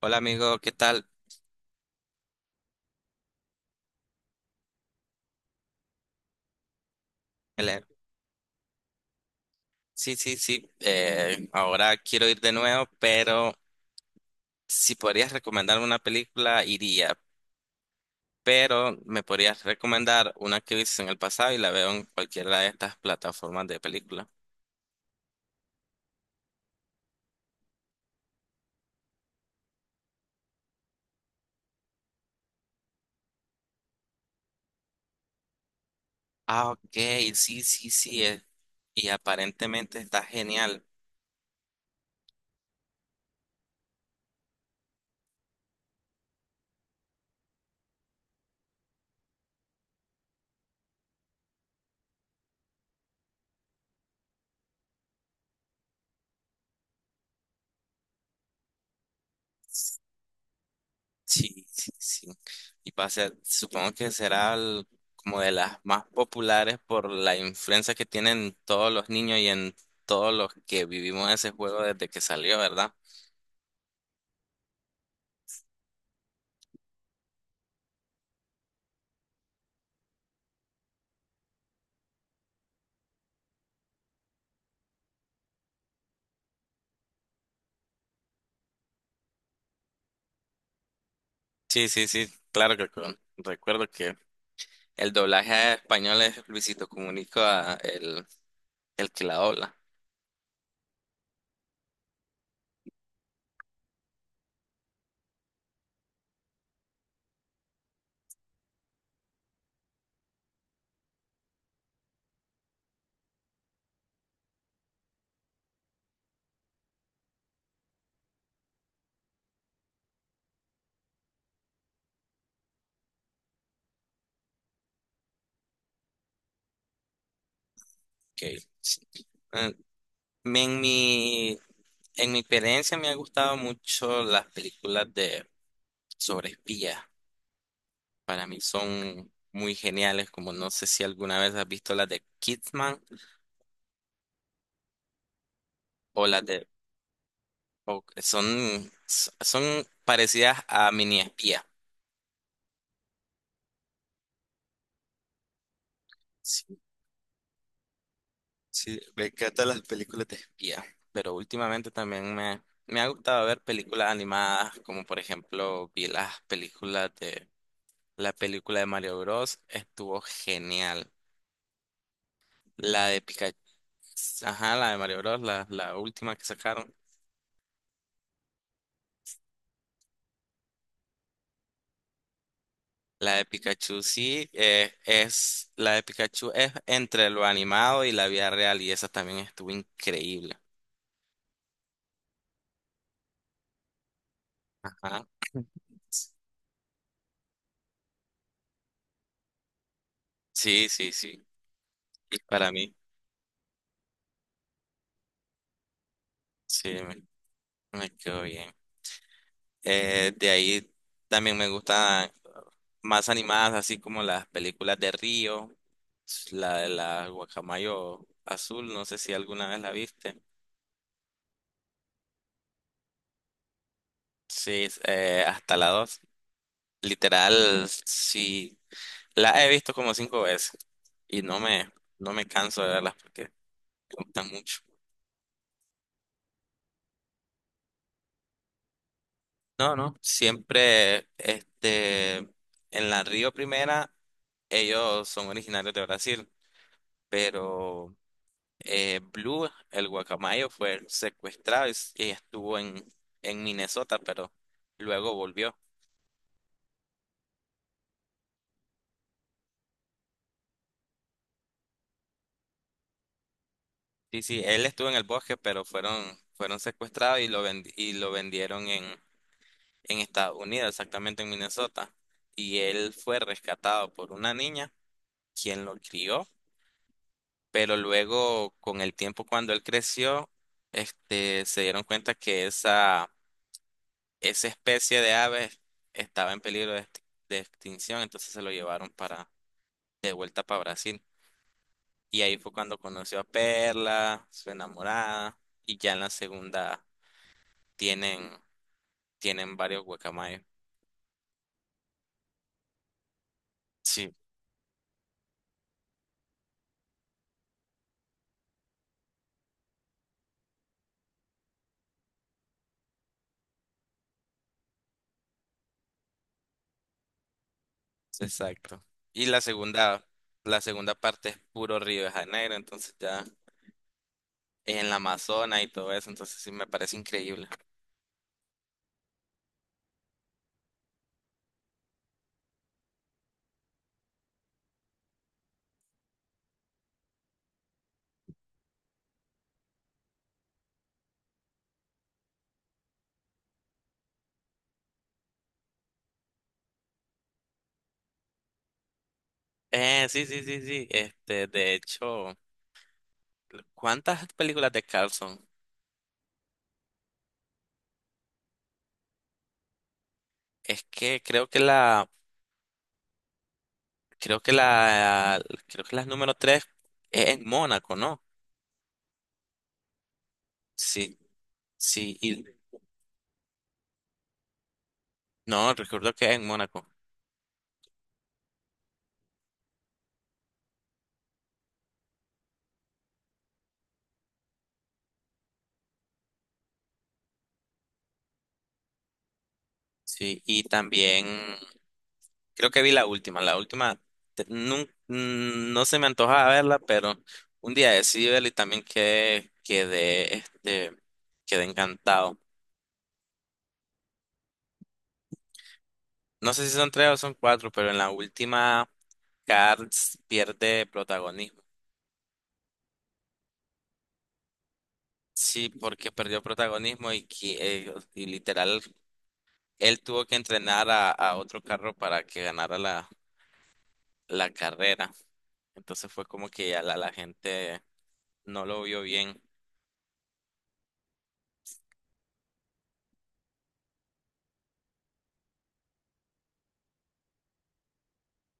Hola amigo, ¿qué tal? Ele- Sí, sí, sí. Ahora quiero ir de nuevo, pero si podrías recomendarme una película, iría. Pero me podrías recomendar una que viste en el pasado y la veo en cualquiera de estas plataformas de película. Ah, ok, sí, sí, sí. Y aparentemente está genial. Sí, sí, sí. Y va a ser, supongo que será como de las más populares por la influencia que tienen todos los niños y en todos los que vivimos ese juego desde que salió, ¿verdad? Sí, sí, sí, claro que recuerdo que el doblaje a español es Luisito Comunica, el que la dobla. Ok, sí. Eh, En mi, en mi experiencia me han gustado mucho las películas de sobre espías. Para mí son muy geniales, como no sé si alguna vez has visto las de Kidman o las de. O- son, son parecidas a Mini Espía. Sí, sí, me encantan las películas de espía. Pero últimamente también me ha gustado ver películas animadas, como por ejemplo vi las películas de la película de Mario Bros. Estuvo genial. La de Pikachu, ajá, la de Mario Bros, la última que sacaron. La de Pikachu sí, la de Pikachu es entre lo animado y la vida real y esa también estuvo increíble. Ajá. Sí, sí, sí. Para mí, sí, me quedó bien. De ahí también me gustan más animadas, así como las películas de Río, la de la Guacamayo Azul, no sé si alguna vez la viste. Sí, hasta la dos. Literal, sí. Las he visto como cinco veces y no me canso de verlas porque me gustan mucho. No, no, siempre este, en la Río Primera ellos son originarios de Brasil, pero Blue, el guacamayo, fue secuestrado y, y estuvo en Minnesota, pero luego volvió. Sí, sí, él estuvo en el bosque, pero fueron secuestrados y y lo vendieron en Estados Unidos, exactamente en Minnesota. Y él fue rescatado por una niña, quien lo crió, pero luego con el tiempo cuando él creció, este, se dieron cuenta que esa especie de ave estaba en peligro de, de extinción, entonces se lo llevaron de vuelta para Brasil. Y ahí fue cuando conoció a Perla, su enamorada, y ya en la segunda tienen, tienen varios guacamayos. Sí, exacto. Y la segunda parte es puro Río de Janeiro, entonces ya es en la Amazonas y todo eso, entonces sí me parece increíble. Sí, sí, sí, sí. Este, de hecho, ¿cuántas películas de Carlson? Es que creo que la, creo que la, creo que la número tres es en Mónaco, ¿no? Sí, sí, y no, recuerdo que es en Mónaco. Sí, y también creo que vi la última. La última no, se me antojaba verla, pero un día decidí verla y también este, quedé encantado. No sé si son tres o son cuatro, pero en la última Cars pierde protagonismo. Sí, porque perdió protagonismo y, y literal él tuvo que entrenar a otro carro para que ganara la carrera. Entonces fue como que ya la gente no lo vio bien.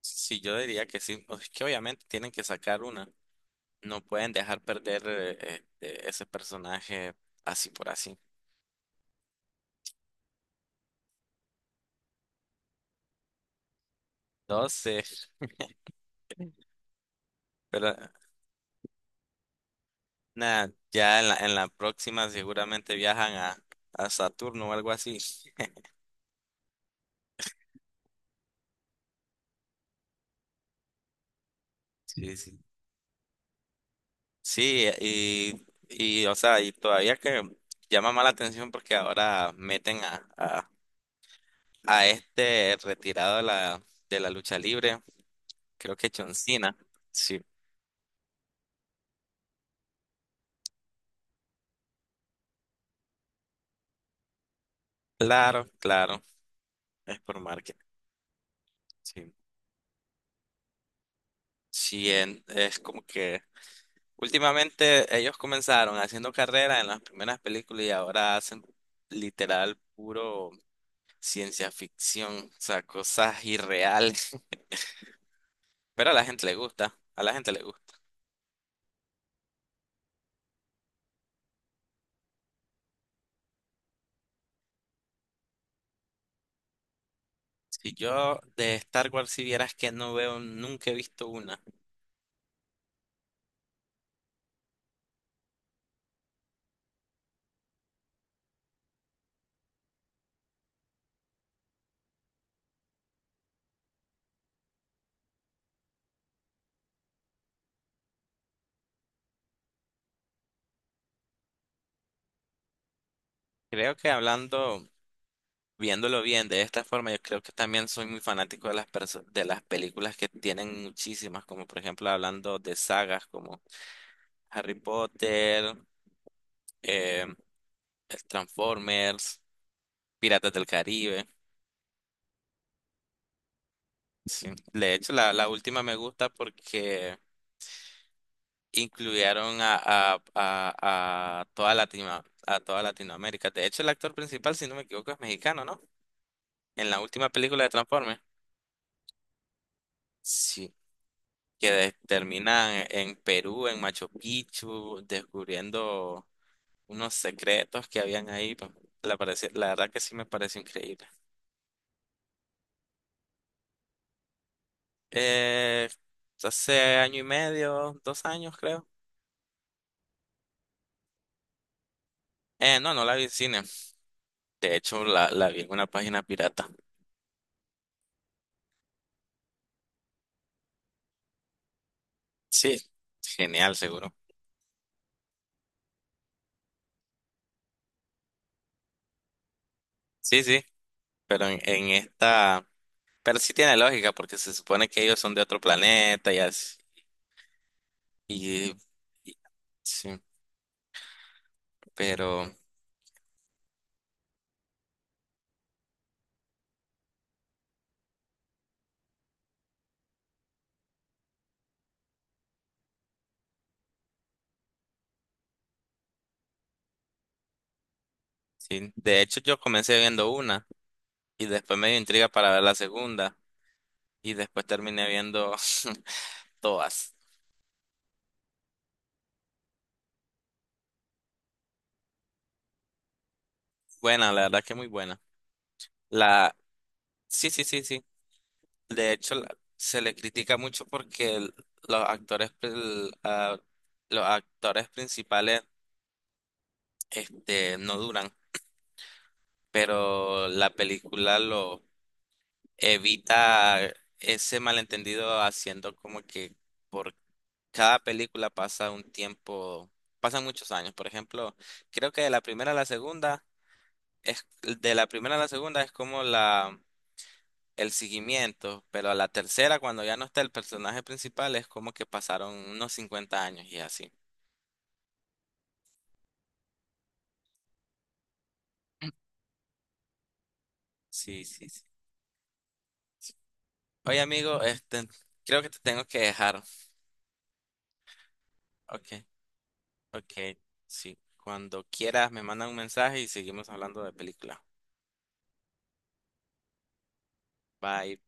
Sí, yo diría que sí. O es que obviamente tienen que sacar una. No pueden dejar perder ese personaje así por así. Entonces, pero nada, ya en la próxima seguramente viajan a Saturno o algo así. Sí, sí. Sí, y o sea, y todavía que llama más la atención porque ahora meten a este retirado de la lucha libre, creo que John Cena. Sí, claro, claro, es por marketing. Sí. Sí, es como que últimamente ellos comenzaron haciendo carrera en las primeras películas y ahora hacen literal puro ciencia ficción, o sea, cosas irreales. Pero a la gente le gusta, a la gente le gusta. Si yo de Star Wars, si vieras, que no veo, nunca he visto una. Creo que hablando, viéndolo bien de esta forma, yo creo que también soy muy fanático de de las películas que tienen muchísimas, como por ejemplo hablando de sagas como Harry Potter. eh, el Transformers, Piratas del Caribe. Sí. De hecho, la última me gusta porque incluyeron a a toda Latinoamérica. De hecho, el actor principal, si no me equivoco, es mexicano, ¿no? En la última película de Transformers. Sí. Que terminan en Perú, en Machu Picchu, descubriendo unos secretos que habían ahí. Pues, la verdad que sí me parece increíble. Eh, Hace año y medio, 2 años creo. No, no la vi en cine. De hecho, la vi en una página pirata. Sí, genial, seguro. Sí, sí, pero en esta. Pero sí tiene lógica, porque se supone que ellos son de otro planeta y así. Y, y- sí, pero sí. De hecho, yo comencé viendo una y después me dio intriga para ver la segunda y después terminé viendo todas. Buena, la verdad que muy buena. La... Sí, sí, sí, sí. De hecho, se le critica mucho porque los actores, los actores principales, este, no duran, pero la película lo evita ese malentendido haciendo como que por cada película pasa un tiempo, pasan muchos años. Por ejemplo, creo que de la primera a la segunda es como la el seguimiento, pero a la tercera, cuando ya no está el personaje principal, es como que pasaron unos 50 años y así. Sí, sí, sí. Oye, amigo, este, creo que te tengo que dejar. Ok, ok, sí. Cuando quieras, me manda un mensaje y seguimos hablando de película. Bye.